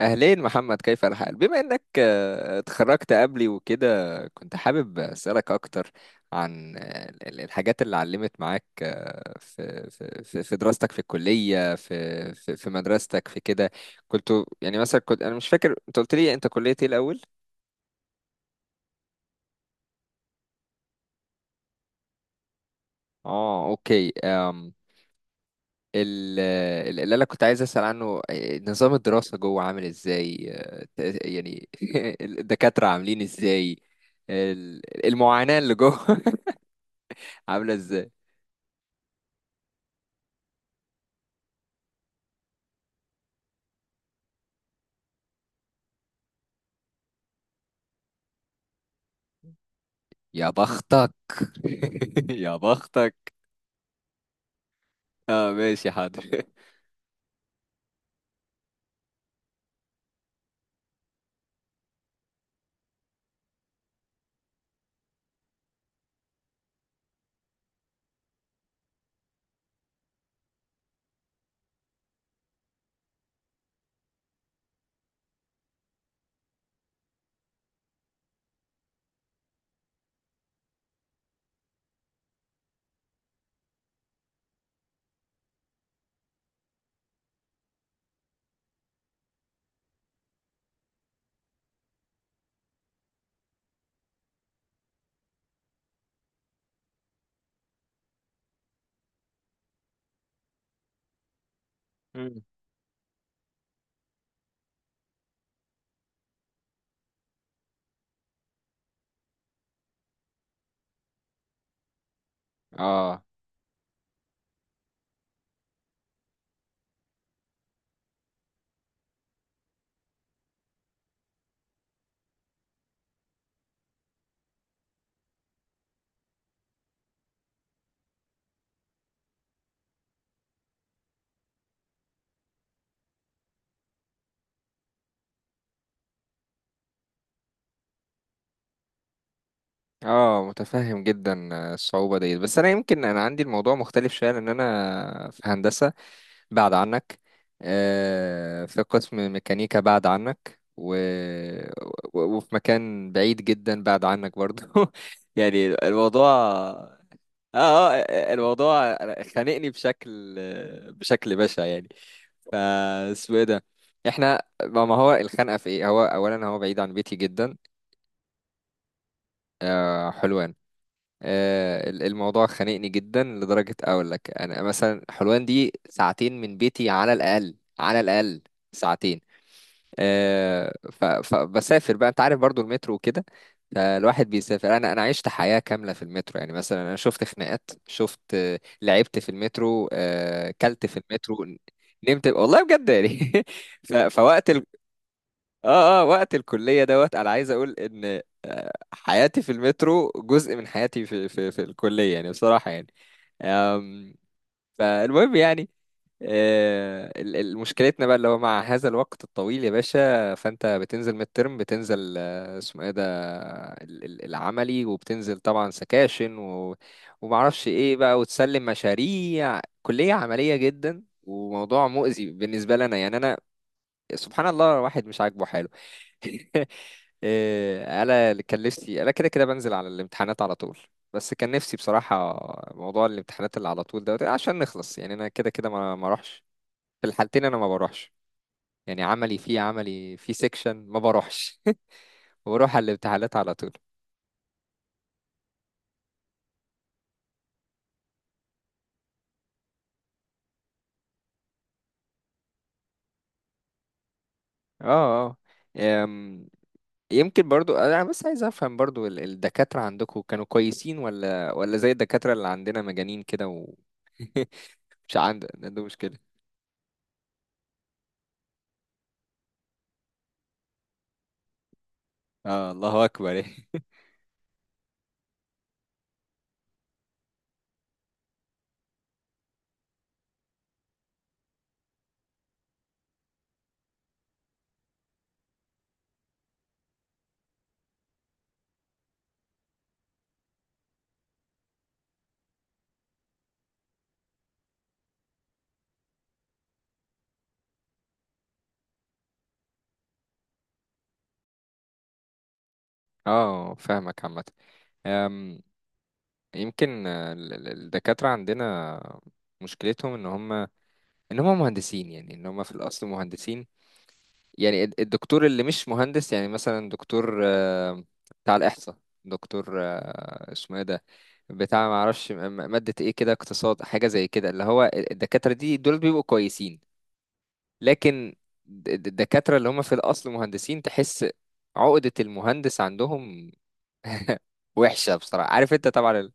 أهلين محمد، كيف الحال؟ بما إنك اتخرجت قبلي وكده كنت حابب أسألك أكتر عن الحاجات اللي علمت معاك في دراستك في الكلية، في مدرستك في كده. كنت يعني مثلا، كنت أنا مش فاكر أنت قلت لي أنت كلية إيه الأول؟ آه أوكي. ال- اللي أنا كنت عايز أسأل عنه، نظام الدراسة جوه عامل إزاي؟ يعني الدكاترة عاملين إزاي؟ المعاناة اللي جوه عاملة ازاي؟ يا بختك يا بختك. اه ماشي حاضر. مم. اه اه، متفهم جدا الصعوبة ديت، بس انا يمكن انا عندي الموضوع مختلف شوية، لان انا في هندسة بعد عنك، في قسم ميكانيكا بعد عنك، و وفي مكان بعيد جدا بعد عنك برضو يعني الموضوع اه اه، الموضوع خانقني بشكل بشع يعني. ف اسمه ايه ده، احنا ما ما هو الخنقه في ايه؟ هو اولا هو بعيد عن بيتي جدا. آه حلوان. الموضوع خانقني جدا، لدرجة أقول لك أنا مثلا حلوان دي ساعتين من بيتي، على الأقل على الأقل ساعتين. فبسافر بقى، أنت عارف برضو المترو وكده. فالواحد بيسافر، أنا عشت حياة كاملة في المترو. يعني مثلا أنا شفت خناقات، شفت لعبت في المترو، كلت في المترو، نمت والله بجد يعني فوقت ال... اه اه، وقت الكلية دوت، أنا عايز أقول إن حياتي في المترو جزء من حياتي في الكلية يعني، بصراحة يعني. أم، فالمهم يعني، مشكلتنا بقى اللي هو مع هذا الوقت الطويل يا باشا، فانت بتنزل ميد ترم، بتنزل اسمه ايه ده، العملي، وبتنزل طبعا سكاشن و... ومعرفش ايه بقى، وتسلم مشاريع، كلية عملية جدا، وموضوع مؤذي بالنسبة لنا يعني. انا سبحان الله الواحد مش عاجبه حاله إيه، انا اللي كان نفسي، انا كده كده بنزل على الامتحانات على طول، بس كان نفسي بصراحة موضوع الامتحانات اللي على طول ده، عشان نخلص يعني. انا كده كده ما اروحش. في الحالتين انا ما بروحش، يعني عملي في عملي في سيكشن ما بروحش بروح على الامتحانات على طول. اه اه. أم، يمكن برضو انا بس عايز افهم برضو الدكاترة عندكم كانوا كويسين، ولا زي الدكاترة اللي عندنا مجانين كده و... مش عند، عنده مشكلة. اه الله اكبر اه فاهمك عامة. أم، يمكن الدكاترة عندنا مشكلتهم ان هم مهندسين، يعني ان هم في الاصل مهندسين. يعني الدكتور اللي مش مهندس، يعني مثلا دكتور بتاع الاحصاء، دكتور اسمه ايه ده، بتاع ما اعرفش مادة ايه كده، اقتصاد حاجة زي كده، اللي هو الدكاترة دي دول بيبقوا كويسين. لكن الدكاترة اللي هم في الاصل مهندسين، تحس عقدة المهندس عندهم وحشة بصراحة، عارف انت طبعا.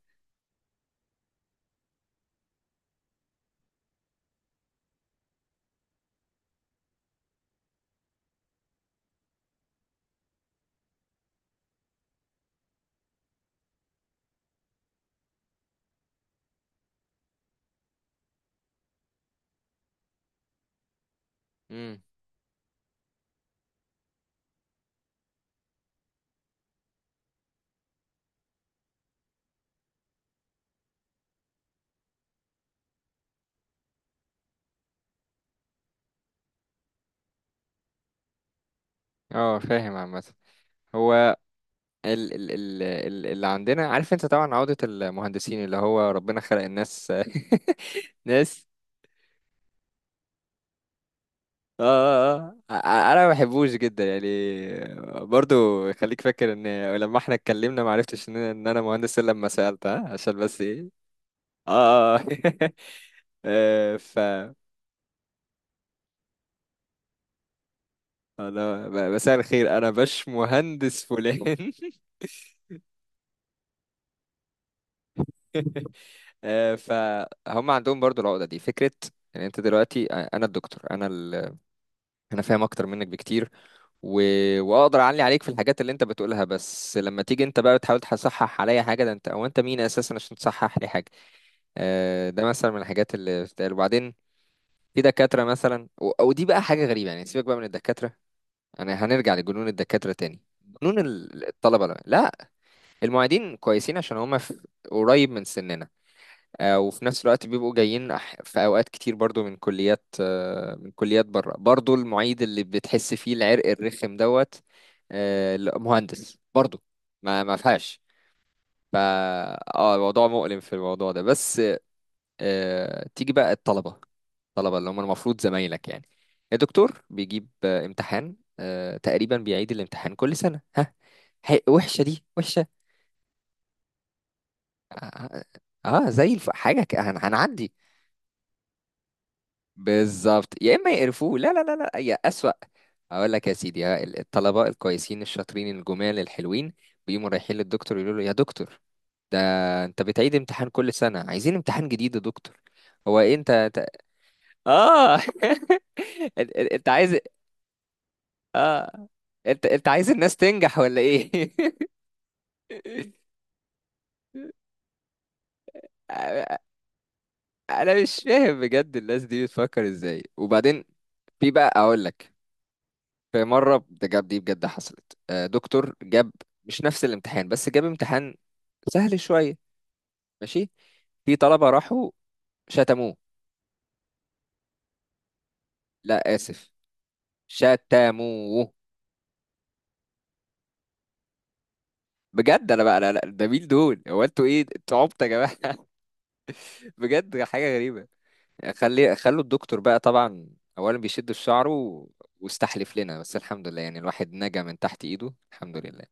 امم. اه فاهم عامة. هو اللي عندنا عارف انت طبعا، عقدة المهندسين، اللي هو ربنا خلق الناس ناس. اه اه اه، انا ما بحبوش جدا يعني، برضو. خليك فاكر ان لما احنا اتكلمنا ما عرفتش ان انا مهندس، الا لما سألت، ها؟ عشان بس ايه، اه اه آه، ف انا مساء الخير، انا باش مهندس فلان فهم عندهم برضو العقدة دي، فكرة ان انت دلوقتي، انا الدكتور، انا ال... انا فاهم اكتر منك بكتير، و... واقدر اعلي عليك في الحاجات اللي انت بتقولها. بس لما تيجي انت بقى بتحاول تصحح عليا حاجة، ده انت او انت مين اساسا عشان تصحح لي حاجة؟ ده مثلا من الحاجات اللي بتتقال. وبعدين في دكاترة مثلا، و... ودي بقى حاجة غريبة يعني، سيبك بقى من الدكاترة، انا هنرجع لجنون الدكاترة تاني، جنون الطلبة. لا لا، المعيدين كويسين عشان هم في... قريب من سننا، وفي نفس الوقت بيبقوا جايين في اوقات كتير برضو من كليات، من كليات بره برضو. المعيد اللي بتحس فيه العرق الرخم دوت، لا، مهندس برضو، ما فيهاش. ف اه الموضوع مؤلم في الموضوع ده. بس تيجي بقى الطلبه، الطلبه اللي هم المفروض زمايلك يعني، الدكتور بيجيب امتحان، تقريبا بيعيد الامتحان كل سنه، ها؟ وحشه دي، وحشه. اه آه، آه، زي الف... حاجه ك- هن- هنعدي. بالظبط. يا اما يقرفوه، لا لا لا لا، يا اسوأ. اقول لك يا سيدي، ها، الطلبه الكويسين الشاطرين الجمال الحلوين، بيقوموا رايحين للدكتور يقولوا له: يا دكتور ده، انت بتعيد امتحان كل سنه، عايزين امتحان جديد يا دكتور. هو إيه، اه انت عايز، اه، انت عايز الناس تنجح ولا ايه؟ انا مش فاهم بجد الناس دي بتفكر ازاي. وبعدين في بقى اقول لك، في مرة بجد، دي بجد حصلت، دكتور جاب مش نفس الامتحان، بس جاب امتحان سهل شوية، ماشي. في طلبة راحوا شتموه. لا آسف، شتموه بجد. انا بقى لا لا، ده مين دول؟ هو انتوا ايه، انتوا عبط يا جماعة؟ بجد حاجة غريبة. خلوا الدكتور بقى طبعا اولا بيشد في شعره، واستحلف لنا، بس الحمد لله يعني الواحد نجا من تحت ايده، الحمد لله.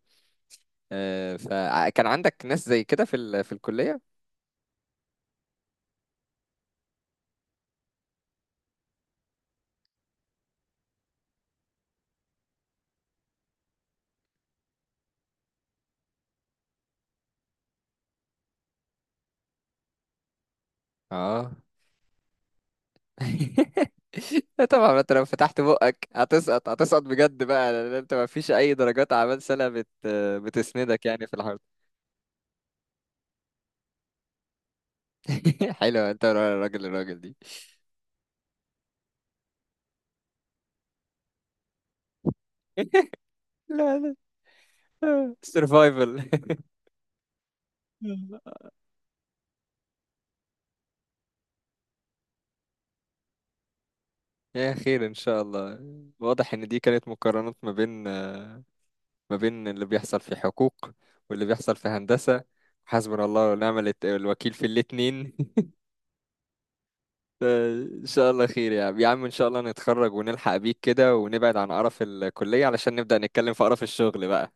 فكان عندك ناس زي كده في ال... في الكلية؟ اه طبعا ما انت لو فتحت بقك هتسقط، هتسقط بجد بقى، لان انت ما فيش اي درجات اعمال سنه بت... بتسندك يعني في الحرب حلو، انت راجل الراجل دي لا لا، سيرفايفل يا خير ان شاء الله. واضح ان دي كانت مقارنات ما بين ما بين اللي بيحصل في حقوق واللي بيحصل في هندسة. حسبنا الله ونعم الوكيل في الاتنين ان شاء الله خير يا عم، يا عم ان شاء الله نتخرج ونلحق بيك كده ونبعد عن قرف الكلية علشان نبدأ نتكلم في قرف الشغل بقى.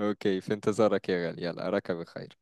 اوكي، في انتظارك يا غالي، يلا اراك بخير.